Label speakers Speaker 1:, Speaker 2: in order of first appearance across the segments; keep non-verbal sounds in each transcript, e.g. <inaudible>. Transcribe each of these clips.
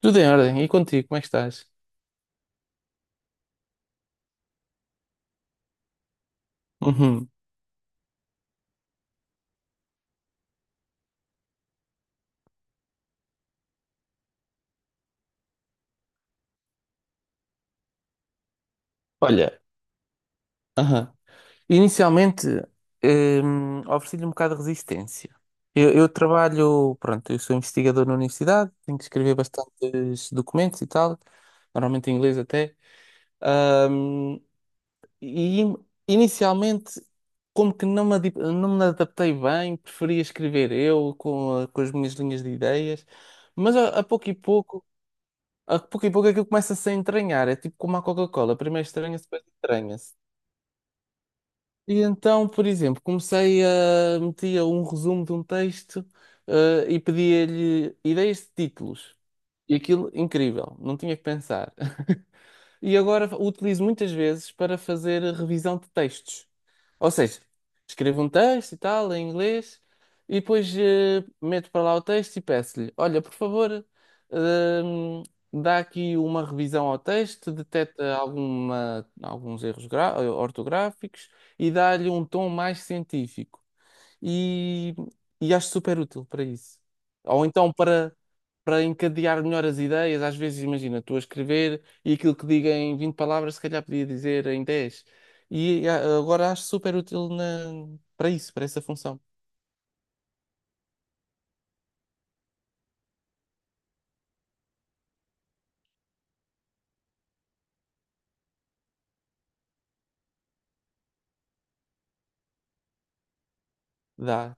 Speaker 1: Tudo em ordem. E contigo, como é que estás? Uhum. Olha, aham. Inicialmente, ofereci-lhe um bocado de resistência. Eu trabalho, pronto, eu sou investigador na universidade, tenho que escrever bastantes documentos e tal, normalmente em inglês até. Hum, e inicialmente, como que não me, não me adaptei bem, preferia escrever eu com, com as minhas linhas de ideias, mas a pouco e pouco. A pouco e pouco aquilo começa-se a entranhar. É tipo como a Coca-Cola. Primeiro estranha-se, depois entranha-se. E então, por exemplo, comecei a metia um resumo de um texto, e pedia-lhe ideias de títulos. E aquilo, incrível, não tinha que pensar. <laughs> E agora o utilizo muitas vezes para fazer revisão de textos. Ou seja, escrevo um texto e tal, em inglês, e depois meto para lá o texto e peço-lhe: Olha, por favor, hum, dá aqui uma revisão ao texto, detecta alguma, alguns ortográficos e dá-lhe um tom mais científico. E, e acho super útil para isso. Ou então para, para encadear melhor as ideias, às vezes, imagina, estou a escrever. E aquilo que diga em 20 palavras, se calhar podia dizer em dez. Agora acho super útil para isso, para essa função. Dá.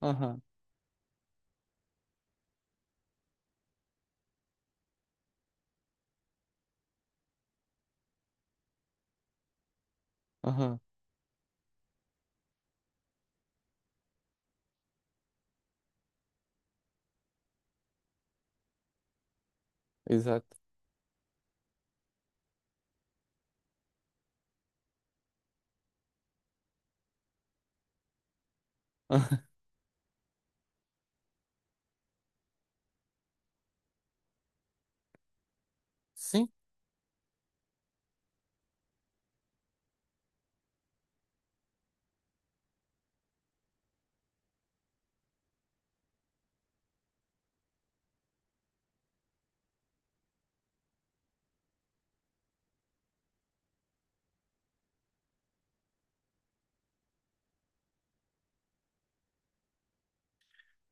Speaker 1: Aham, aham, exato. <laughs> Sim.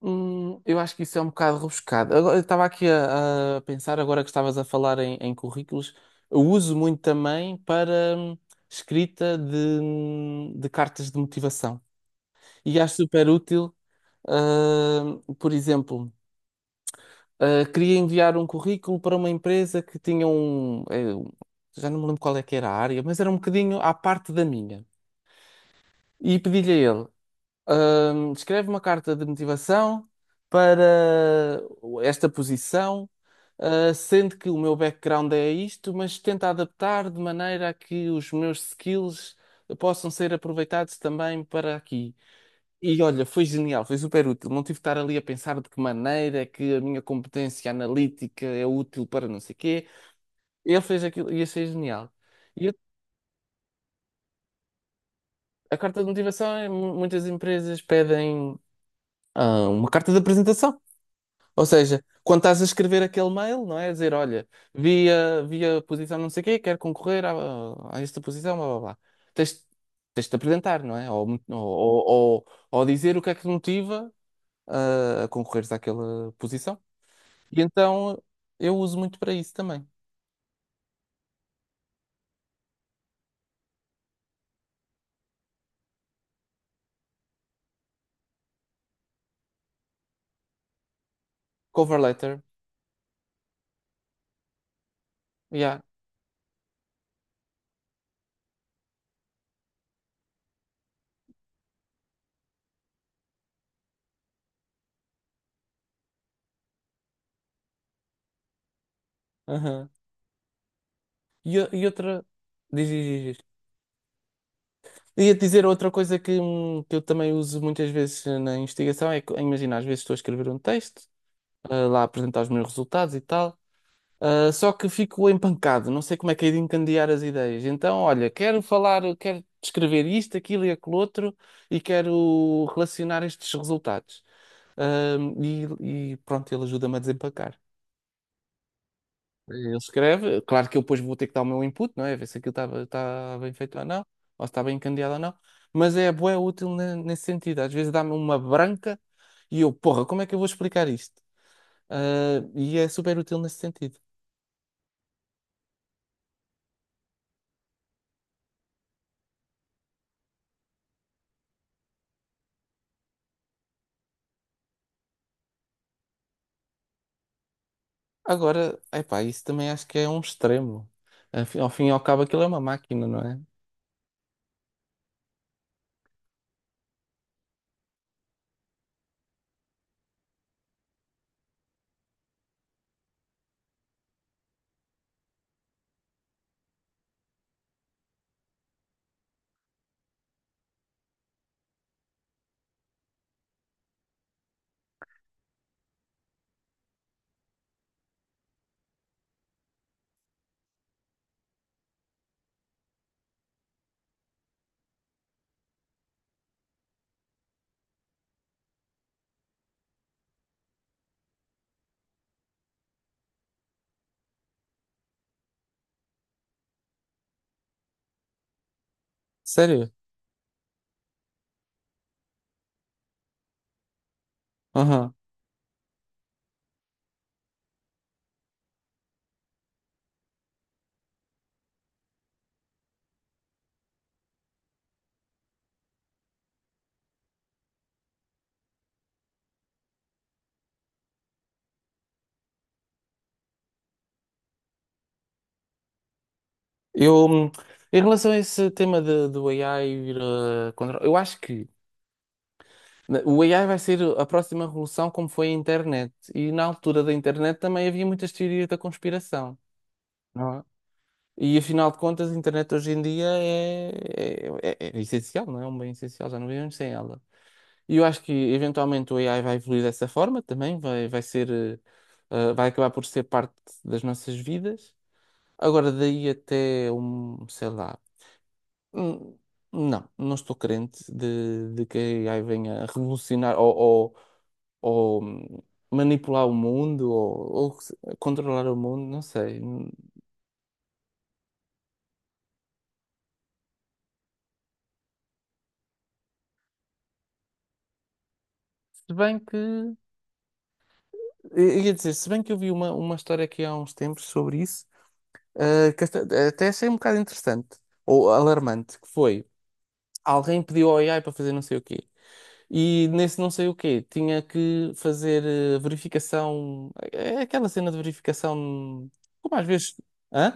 Speaker 1: Eu acho que isso é um bocado rebuscado. Agora, eu estava aqui a pensar, agora que estavas a falar em currículos, eu uso muito também para hum, escrita de cartas de motivação. E acho super útil, por exemplo. Ah, queria enviar um currículo para uma empresa que tinha um, já não me lembro qual é que era a área, mas era um bocadinho à parte da minha. E pedi-lhe a ele, escreve uma carta de motivação para esta posição, ah, sendo que o meu background é isto, mas tenta adaptar de maneira a que os meus skills possam ser aproveitados também para aqui. E olha, foi genial, foi super útil. Não tive de estar ali a pensar de que maneira é que a minha competência analítica é útil para não sei quê. Ele fez aquilo e achei genial. E a a carta de motivação é muitas empresas pedem ah, uma carta de apresentação. Ou seja, quando estás a escrever aquele mail, não é? A dizer, olha, vi a posição não sei quê, quero concorrer a esta posição, blá blá blá. Tens, tens de te apresentar, não é? Ou, mo- ou, ou dizer o que é que te motiva ah, a concorreres àquela posição. E então eu uso muito para isso também. Cover letter. Yeah. Aham. E outra. Diz, diz, diz. Ia dizer outra coisa que eu também uso muitas vezes na investigação é que, imagina, às vezes estou a escrever um texto, lá a apresentar os meus resultados e tal, só que fico empancado, não sei como é que é de encandear as ideias. Então, olha, quero falar, quero descrever isto, aquilo e aquilo outro e quero relacionar estes resultados. Ah, e pronto, ele ajuda-me a desempacar. Ele escreve, claro que eu depois vou ter que dar o meu input, não é? Ver se aquilo está bem feito ou não, ou se está bem encandeado ou não, mas é bué útil nesse sentido. Às vezes dá-me uma branca e eu, porra, como é que eu vou explicar isto? E é super útil nesse sentido. Agora, epá, isso também acho que é um extremo. Ao fim e ao cabo, aquilo é uma máquina, não é? Sério? Aham. Eu, em relação a esse do AI vir a controlar, eu acho que. O AI vai ser a próxima revolução, como foi a internet. E na altura da internet também havia muitas teorias da conspiração, não é? E afinal de contas, a internet hoje em dia é essencial, não é? É um bem essencial, já não vivemos sem ela. E eu acho que eventualmente o AI vai evoluir dessa forma também, vai ser, vai acabar por ser parte das nossas vidas. Agora, daí até um, sei lá. hum, Não, não estou crente de que a AI venha a revolucionar ou, ou manipular o mundo, ou controlar o mundo, não sei. Se bem que, eu ia dizer, se bem que eu vi uma história aqui há uns tempos sobre isso, ah, que esta- até achei um bocado interessante, ou alarmante, que foi, alguém pediu ao AI para fazer não sei o quê. E nesse não sei o quê, tinha que fazer verificação, é aquela cena de verificação, como às vezes. Hã?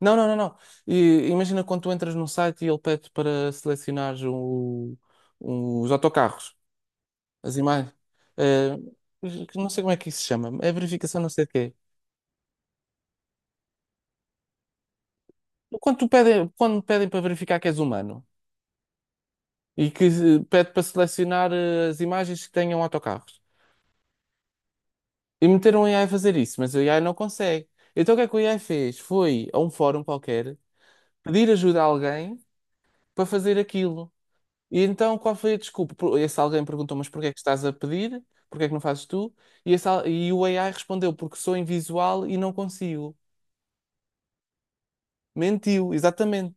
Speaker 1: Não. E, imagina quando tu entras num site e ele pede para selecionares os autocarros, as imagens. Eh, não sei como é que isso se chama. É verificação não sei de quê. Quando pedem para verificar que és humano e que pede para selecionar as imagens que tenham autocarros. E meteram o AI a fazer isso, mas o AI não consegue. Então o que é que o AI fez? Foi a um fórum qualquer pedir ajuda a alguém para fazer aquilo. E então, qual foi a desculpa? Esse alguém perguntou, mas porquê é que estás a pedir? Porquê é que não fazes tu? E o AI respondeu, porque sou invisual e não consigo. Mentiu, exatamente.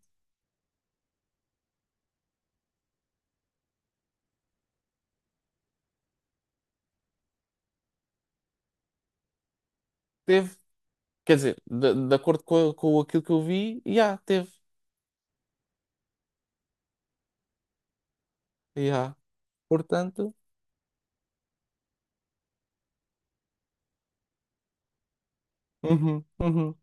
Speaker 1: Teve. Quer dizer, de acordo com aquilo que eu vi, já, teve. Já. Portanto, uhum, uhum.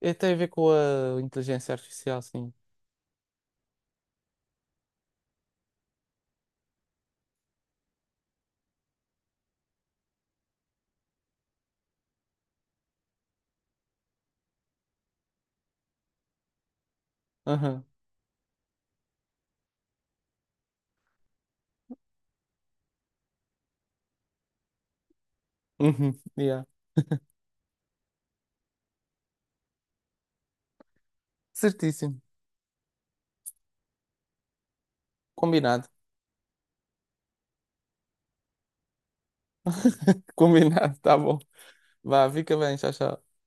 Speaker 1: É, tem a ver com a inteligência artificial, sim. Aham, uhum, já. Certíssimo. Combinado. <laughs> Combinado, tá bom. Vá, fica bem, tchau, tchau.